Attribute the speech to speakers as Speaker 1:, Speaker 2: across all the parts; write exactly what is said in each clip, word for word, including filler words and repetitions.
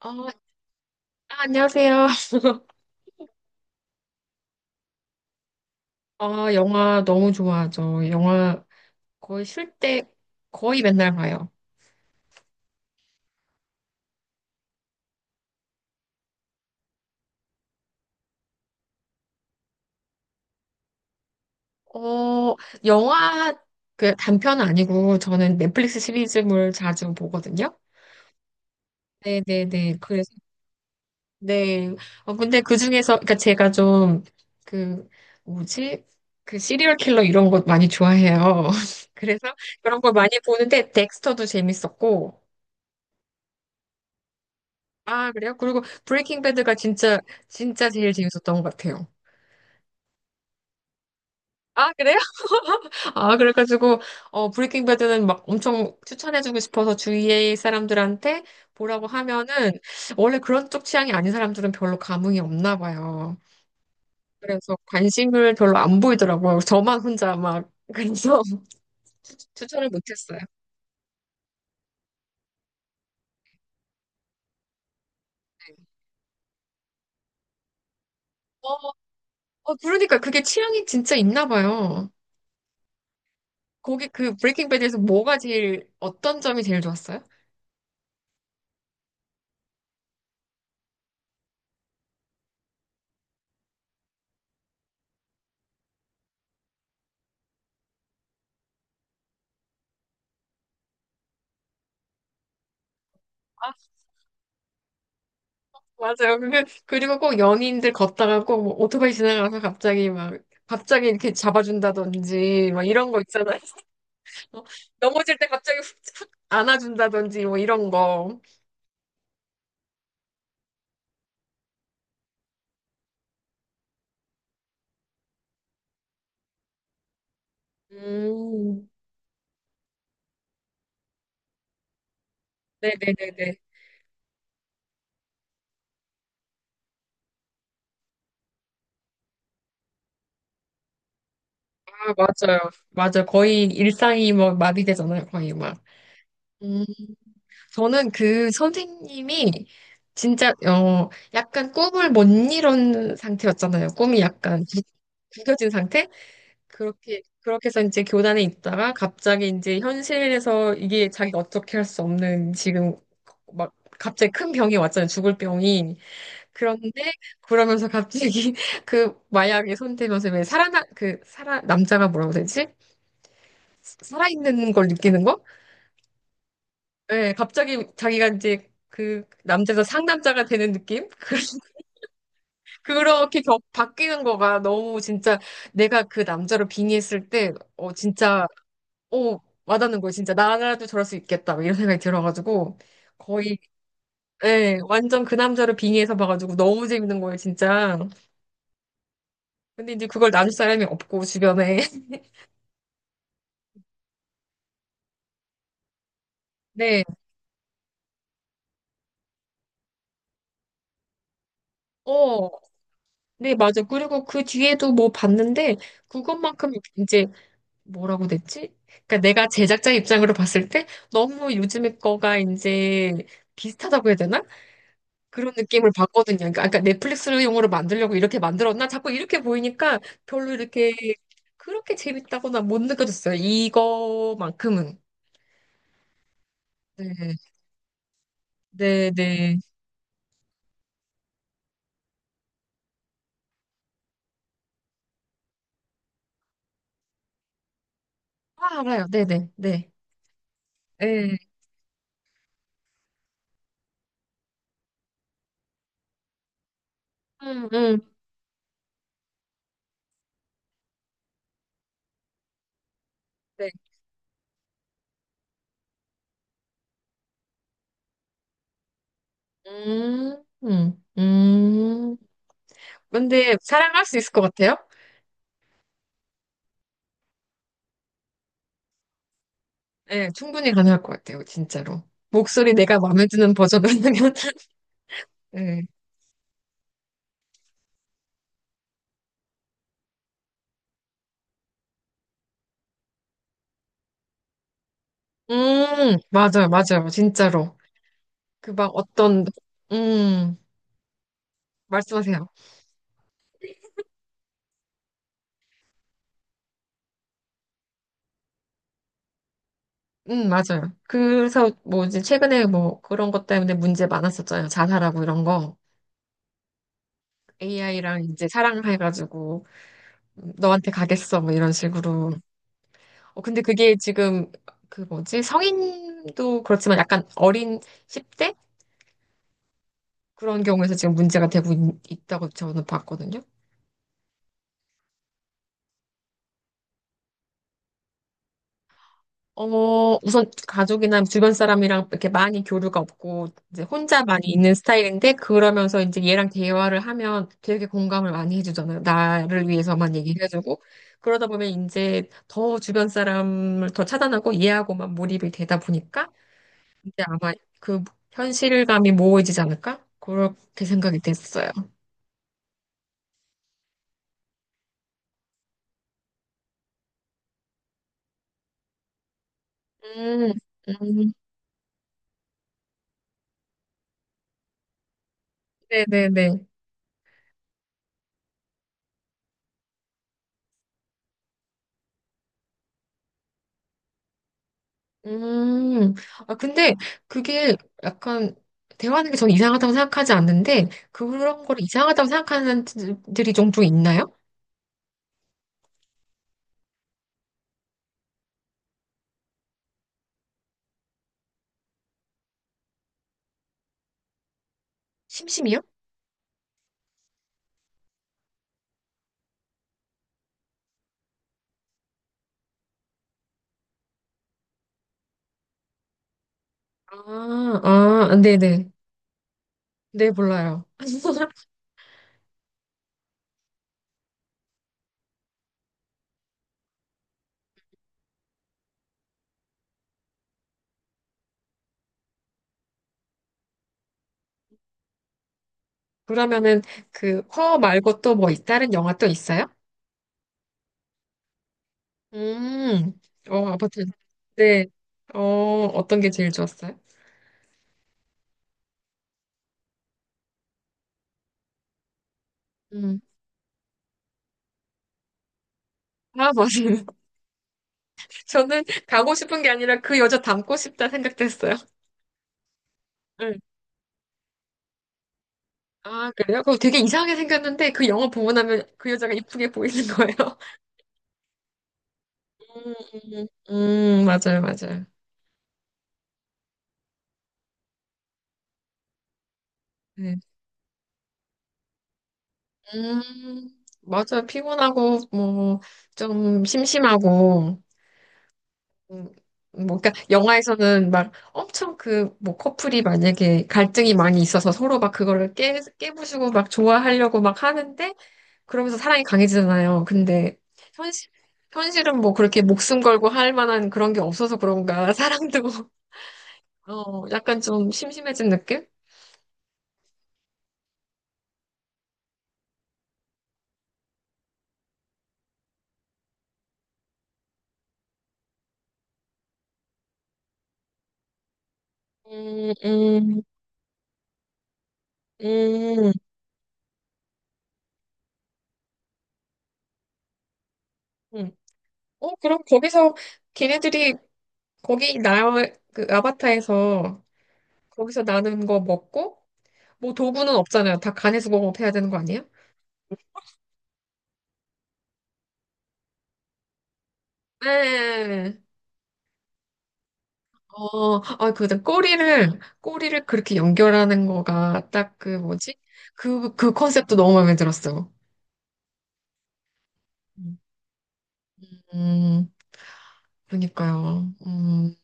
Speaker 1: 아, 아, 안녕하세요. 아, 영화 너무 좋아하죠. 영화 거의 쉴 때 거의 맨날 봐요. 어, 영화 그 단편 아니고 저는 넷플릭스 시리즈물 자주 보거든요. 네네네. 그래서, 네. 어, 근데 그 중에서, 그니까 제가 좀 그, 뭐지? 그 시리얼 킬러 이런 것 많이 좋아해요. 그래서 그런 걸 많이 보는데 덱스터도 재밌었고, 아, 그래요? 그리고 브레이킹 배드가 진짜, 진짜 제일 재밌었던 것 같아요. 아, 그래요? 아, 그래가지고, 어, 브레이킹 배드는 막 엄청 추천해주고 싶어서 주위의 사람들한테 보라고 하면은, 원래 그런 쪽 취향이 아닌 사람들은 별로 감흥이 없나 봐요. 그래서 관심을 별로 안 보이더라고요. 저만 혼자 막, 그래서 추천을 못했어요. 네. 어, 어, 그러니까 그게 취향이 진짜 있나 봐요. 거기 그 브레이킹 배드에서 뭐가 제일, 어떤 점이 제일 좋았어요? 맞아요. 그- 그리고 꼭 연인들 걷다가 꼭뭐 오토바이 지나가서 갑자기 막, 갑자기 이렇게 잡아준다든지, 막 이런 거 있잖아요. 넘어질 때 갑자기 훅, 훅 안아준다든지, 뭐 이런 거. 음, 네네네네. 아, 맞아요. 맞아요. 거의 일상이 뭐 마비되잖아요. 거의 막. 음, 저는 그 선생님이 진짜, 어, 약간 꿈을 못 이룬 상태였잖아요. 꿈이 약간 구- 구겨진 상태? 그렇게, 그렇게 해서 이제 교단에 있다가 갑자기 이제 현실에서 이게 자기가 어떻게 할 수 없는 지금 막 갑자기 큰 병이 왔잖아요. 죽을 병이. 그런데 그러면서 갑자기 그 마약에 손대면서 왜 살아나, 그 살아, 남자가 뭐라고 되지? 살아있는 걸 느끼는 거? 예, 갑자기 자기가 이제 그 남자에서 상남자가 되는 느낌? 그렇게 겨- 바뀌는 거가 너무 진짜 내가 그 남자로 빙의했을 때, 어, 진짜 오, 와닿는 거예요, 진짜. 나라도 저럴 수 있겠다. 막 이런 생각이 들어가지고, 거의, 예, 완전 그 남자를 빙의해서 봐가지고 너무 재밌는 거예요, 진짜. 근데 이제 그걸 나눌 사람이 없고, 주변에. 네, 어, 네, 맞아. 그리고 그 뒤에도 뭐 봤는데, 그것만큼 이제 뭐라고 됐지? 그러니까 내가 제작자 입장으로 봤을 때, 너무 요즘의 거가 이제 비슷하다고 해야 되나? 그런 느낌을 받거든요. 그러니까 아까 넷플릭스를 용어로 만들려고 이렇게 만들었나? 자꾸 이렇게 보이니까 별로 이렇게 그렇게 재밌다거나 못 느껴졌어요. 이거만큼은. 네, 네, 네. 아, 알아요. 네, 네, 네. 네. 음, 음, 네. 음, 음, 음. 근데 사랑할 수 있을 것 같아요? 네, 충분히 가능할 것 같아요. 진짜로. 목소리 내가 마음에 드는 버전이라면. 네. 음, 맞아요, 맞아요. 진짜로. 그 막 어떤, 음. 말씀하세요. 음, 맞아요. 그래서 뭐 이제 최근에 뭐 그런 것 때문에 문제 많았었잖아요. 자살하고 이런 거. 에이아이랑 이제 사랑해가지고 음, 너한테 가겠어 뭐 이런 식으로. 어, 근데 그게 지금 그 뭐지? 성인도 그렇지만 약간 어린 십 대? 그런 경우에서 지금 문제가 되고 있, 다고 저는 봤거든요. 어, 우선 가족이나 주변 사람이랑 이렇게 많이 교류가 없고, 이제 혼자 많이 있는 스타일인데, 그러면서 이제 얘랑 대화를 하면 되게 공감을 많이 해주잖아요. 나를 위해서만 얘기를 해주고. 그러다 보면 이제 더 주변 사람을 더 차단하고 이해하고만 몰입이 되다 보니까, 이제 아마 그 현실감이 모호해지지 않을까? 그렇게 생각이 됐어요. 음, 음, 네네네. 음, 아, 근데 그게 약간 대화하는 게 저는 이상하다고 생각하지 않는데 그런 거를 이상하다고 생각하는 분들이 종종 있나요? 심심이요? 아, 아, 네네. 네, 네, 몰라요. 그러면은 그 허 말고 또 뭐 다른 영화 또 있어요? 음, 어, 아파트. 네. 어, 어떤 게 제일 좋았어요? 음. 아, 맞아요. 저는 가고 싶은 게 아니라 그 여자 닮고 싶다 생각됐어요. 네. 아, 그래요? 그거 되게 이상하게 생겼는데 그 영화 보고 나면 그 여자가 이쁘게 보이는 거예요. 음, 음, 음, 맞아요, 맞아요. 네. 음, 맞아요. 피곤하고, 뭐, 좀 심심하고, 음, 뭐, 그러니까 영화에서는 막 엄청 그, 뭐, 커플이 만약에 갈등이 많이 있어서 서로 막 그거를 깨, 깨부수고 막 좋아하려고 막 하는데, 그러면서 사랑이 강해지잖아요. 근데, 현실, 현실은 뭐 그렇게 목숨 걸고 할 만한 그런 게 없어서 그런가, 사랑도. 어, 약간 좀 심심해진 느낌? 음, 음, 음, 음. 어, 그럼 거기서 걔네들이 거기 나 그 아바타에서 거기서 나는 거 먹고 뭐 도구는 없잖아요. 다 간에서 공업해야 되는 거 아니에요? 네. 어, 아, 그 꼬리를 꼬리를 그렇게 연결하는 거가 딱 그 뭐지? 그 그 컨셉도 너무 마음에 들었어요. 음, 그러니까요. 음.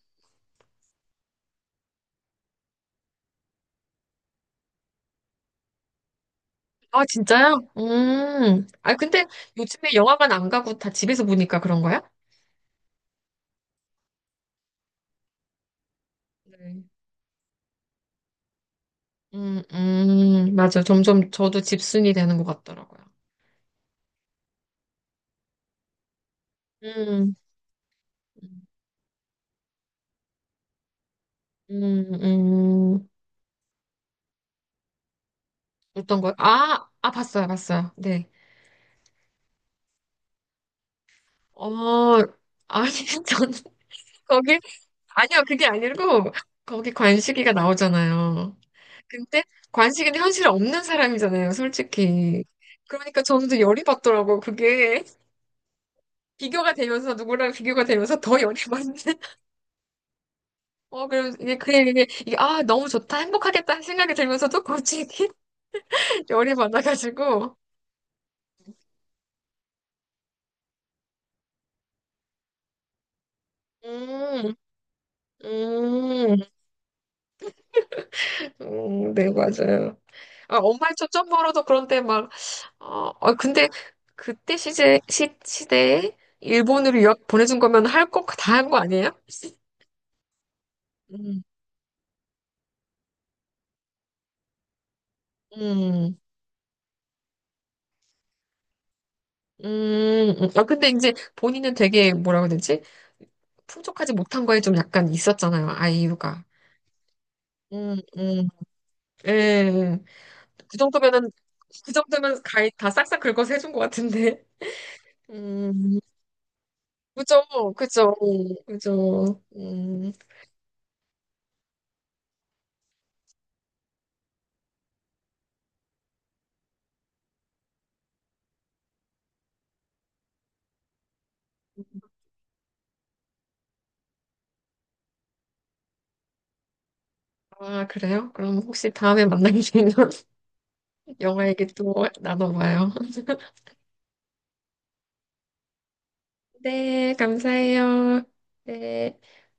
Speaker 1: 아, 진짜요? 음. 아, 근데 요즘에 영화관 안 가고 다 집에서 보니까 그런 거야? 네. 음, 음, 맞아. 점점 저도 집순이 되는 것 같더라고요. 음, 음, 음. 어떤 거요? 아, 아, 봤어요, 봤어요. 네. 어, 아니, 전 거기, 아니요, 그게 아니고, 거기 관식이가 나오잖아요. 근데 관식이는 현실에 없는 사람이잖아요, 솔직히. 그러니까 저는 좀 열이 받더라고요, 그게. 비교가 되면서 누구랑 비교가 되면서 더 열이 받는 어 그럼 이게 그냥 이게 이게 아 너무 좋다 행복하겠다 하는 생각이 들면서도 갑자기 열이 받아가지고 음, 음, 음, 네, 맞아요. 아, 엄마의 초점 벌어도 그런데 막, 어, 어, 근데 그때 시제, 시, 시대에 일본으로 유학 보내준 거면 할 거 다 한 거 아니에요? 음, 음, 음. 음. 아, 근데 이제 본인은 되게 뭐라고 해야 되지? 풍족하지 못한 거에 좀 약간 있었잖아요, 아이유가. 음, 음, 예. 예. 그 정도면은, 그 정도면 가이 다 싹싹 긁어서 해준 것 같은데. 음, 그죠, 그죠, 그죠. 음, 아, 그래요? 그럼 혹시 다음에 만나게 되면 영화 얘기 또 나눠봐요. 네, 감사해요. 네.